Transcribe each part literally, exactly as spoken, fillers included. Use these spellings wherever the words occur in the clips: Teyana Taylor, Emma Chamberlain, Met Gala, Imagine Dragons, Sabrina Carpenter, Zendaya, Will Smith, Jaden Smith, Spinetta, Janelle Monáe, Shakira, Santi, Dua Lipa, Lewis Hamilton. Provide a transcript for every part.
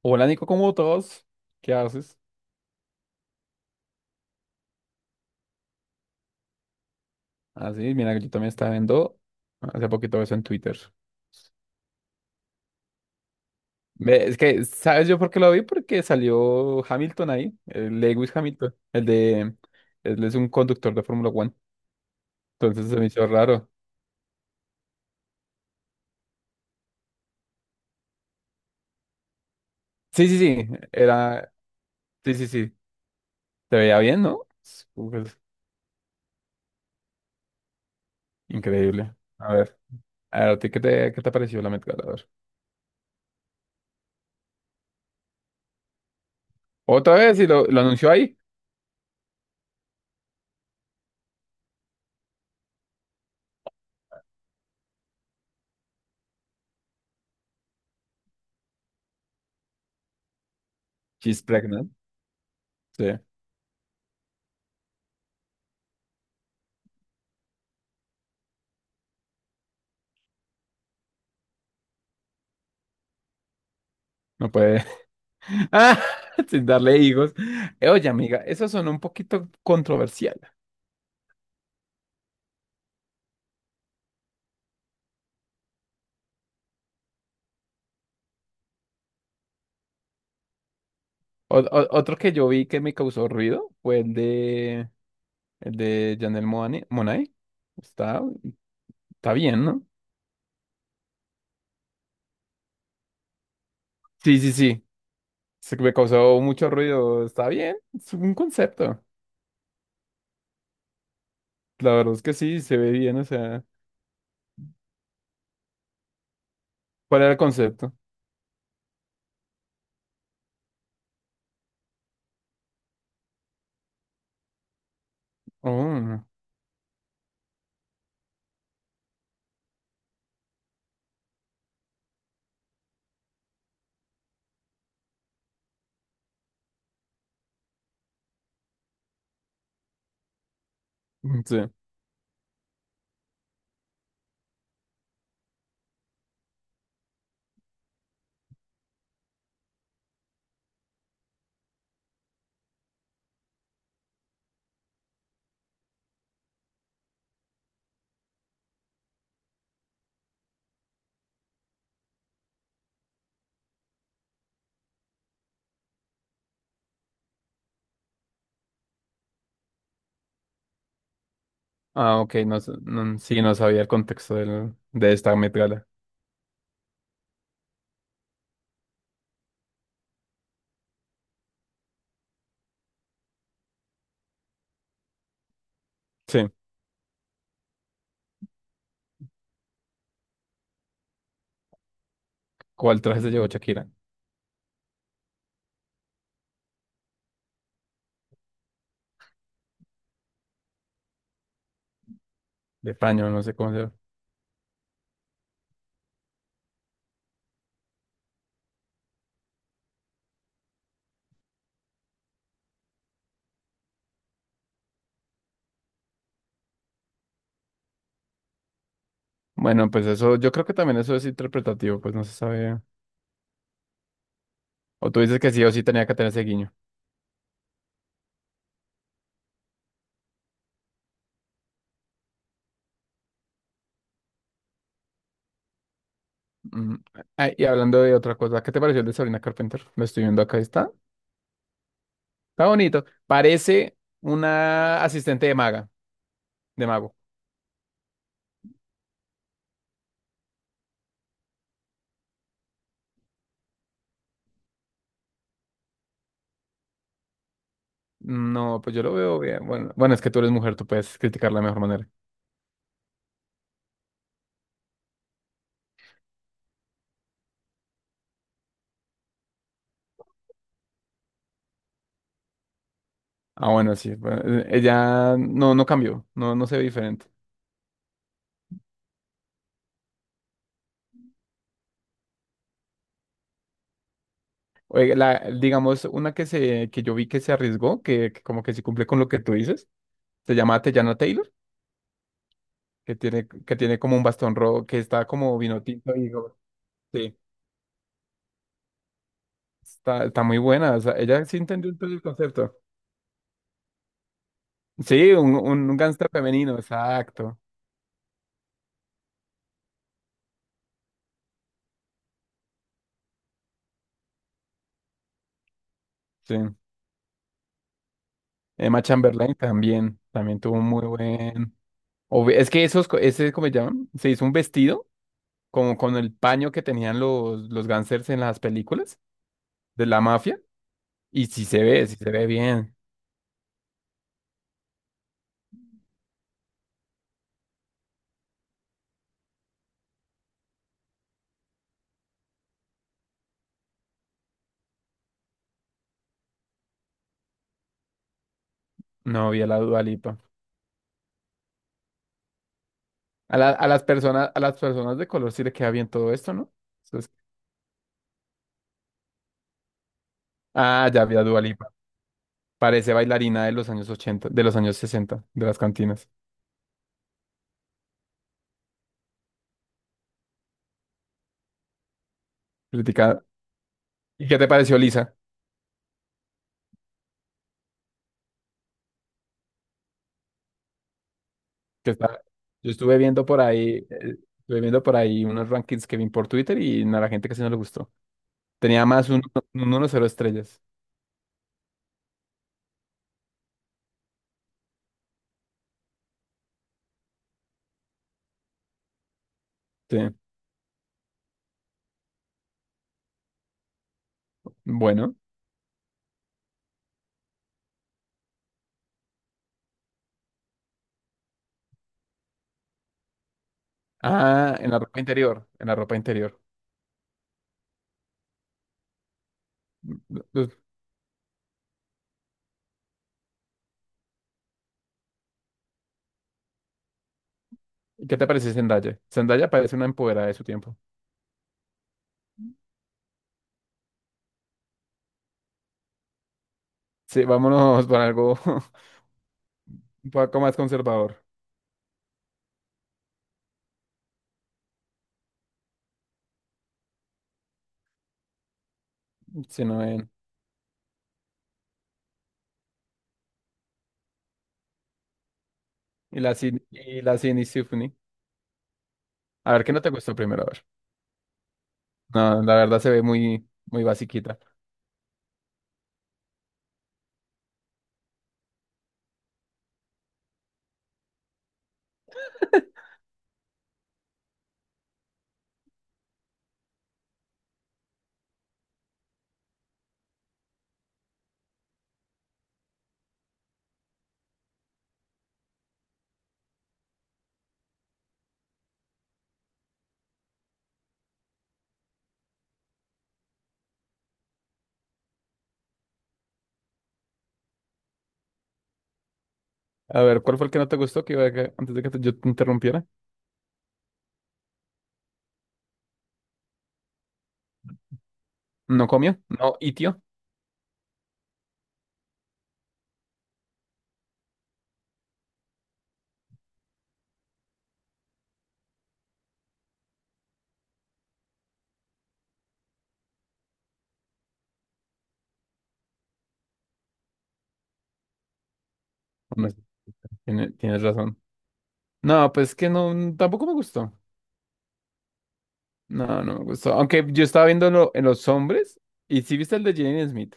Hola Nico, ¿cómo todos? ¿Qué haces? Así, mira, yo también estaba viendo hace poquito eso en Twitter. Ve, es que, ¿sabes yo por qué lo vi? Porque salió Hamilton ahí, el Lewis Hamilton, el de... Él es un conductor de Fórmula Uno, entonces se me hizo raro. Sí, sí, sí, era... Sí, sí, sí, te veía bien, ¿no? Es- uf, es increíble. A ver, a ver, ¿a ti qué te, qué te pareció la Met Gala? A ver. Otra vez, y lo, lo anunció ahí. She's pregnant. Sí, no puede. Ah, sin darle higos. Eh, Oye, amiga, eso son un poquito controversial. O- o- otro que yo vi que me causó ruido fue el de el de Janelle Monáe. Monáe. Está, está bien, ¿no? Sí, sí, sí. Se me causó mucho ruido. Está bien. Es un concepto. La verdad es que sí, se ve bien. O sea, ¿cuál era el concepto? Oh, sí. Ah, ok. No, sa- no- sí, no sabía el contexto del- de esta metrala. Sí. ¿Cuál traje se llevó Shakira? De paño, no sé cómo se llama. Bueno, pues eso, yo creo que también eso es interpretativo, pues no se sabe. O tú dices que sí o sí tenía que tener ese guiño. Mm. Ah, y hablando de otra cosa, ¿qué te pareció el de Sabrina Carpenter? Lo estoy viendo acá, está. Está bonito. Parece una asistente de maga, de mago. No, pues yo lo veo bien. Bueno, bueno, es que tú eres mujer, tú puedes criticarla de mejor manera. Ah, bueno, sí. Bueno, eh, ella no, no cambió, no, no se ve diferente. Oiga, la, digamos, una que se, que yo vi que se arriesgó, que, que como que sí cumple con lo que tú dices, se llama Teyana Taylor. Que tiene, que tiene como un bastón rojo, que está como vino tinto y go- sí, está, está muy buena, o sea, ella sí entendió todo el concepto. Sí, un, un, un gángster femenino, exacto, sí. Emma Chamberlain también, también tuvo un muy buen... obvi- Es que esos, co- ese, ¿cómo se llaman? Se hizo un vestido como con el paño que tenían los, los gángsters en las películas de la mafia, y sí se ve, sí se ve bien. No vi a la Dua Lipa. A la- a las personas, a las personas de color sí le queda bien todo esto, ¿no? Ah, ya vi a Dua Lipa. Parece bailarina de los años ochenta, de los años sesenta, de las cantinas. Criticada. ¿Y qué te pareció, Lisa? Que está... Yo estuve viendo por ahí, eh, estuve viendo por ahí unos rankings que vi por Twitter y a la gente casi no le gustó. Tenía más un, un una de cero estrellas. Sí. Bueno. Ah, en la ropa interior. En la ropa interior. Los- ¿Qué te parece Zendaya? Zendaya parece una empoderada de su tiempo. Sí, vámonos por algo un poco más conservador. Si no, eh, y la, Sid- y la Sydney Symphony. A ver, ¿qué no te gustó primero? A ver. No, la verdad se ve muy, muy basiquita. A ver, ¿cuál fue el que no te gustó? Que iba a que- antes de que te- yo te interrumpiera. ¿No comió? ¿No tío? Tienes, tienes razón. No, pues que no, tampoco me gustó. No, no me gustó. Aunque yo estaba viéndolo en los hombres. ¿Y sí viste el de Jaden Smith?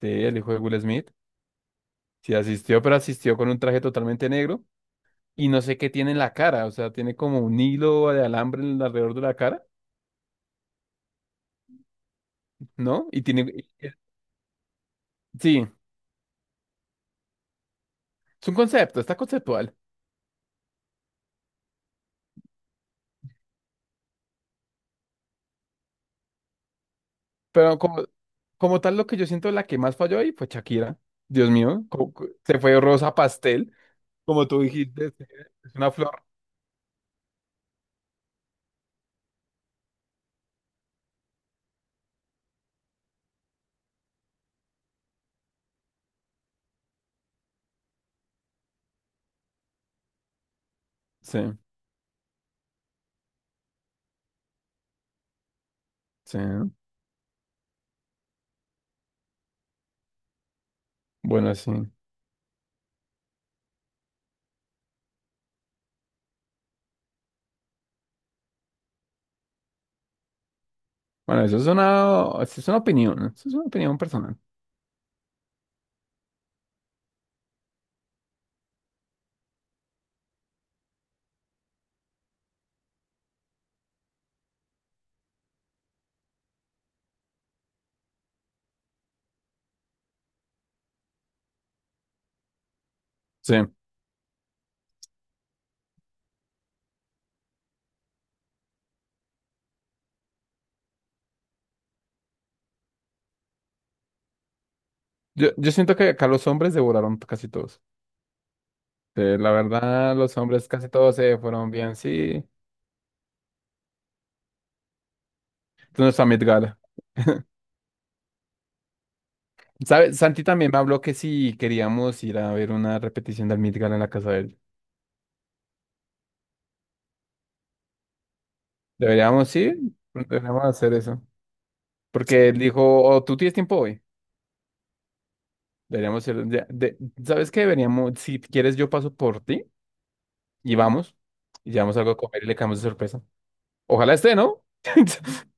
Sí, el hijo de Will Smith. Sí asistió, pero asistió con un traje totalmente negro. Y no sé qué tiene en la cara. O sea, tiene como un hilo de alambre en- alrededor de la cara, ¿no? Y tiene... Sí, es un concepto, está conceptual. Pero como, como tal, lo que yo siento la que más falló ahí fue Shakira. Dios mío, co- co- se fue rosa pastel, como tú dijiste, es es una flor. Sí, sí. Bueno, sí. Bueno, eso es una, eso es una opinión, eso es una opinión personal. Sí. Yo, yo siento que acá los hombres devoraron casi todos. Sí, la verdad, los hombres casi todos se fueron bien, sí. Entonces, a Met Gala. ¿Sabes? Santi también me habló que si queríamos ir a ver una repetición del Met Gala en la casa de él. Deberíamos, sí, deberíamos hacer eso. Porque él dijo, oh, tú tienes tiempo hoy. Deberíamos ir, ya- de- ¿sabes qué? Deberíamos, si quieres, yo paso por ti y vamos. Y llevamos algo a comer y le caemos de sorpresa. Ojalá esté, ¿no?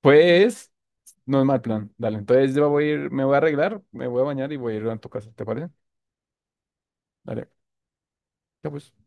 Pues, no es mal plan. Dale, entonces yo voy a ir, me voy a arreglar, me voy a bañar y voy a ir a tu casa, ¿te parece? Dale, ya pues.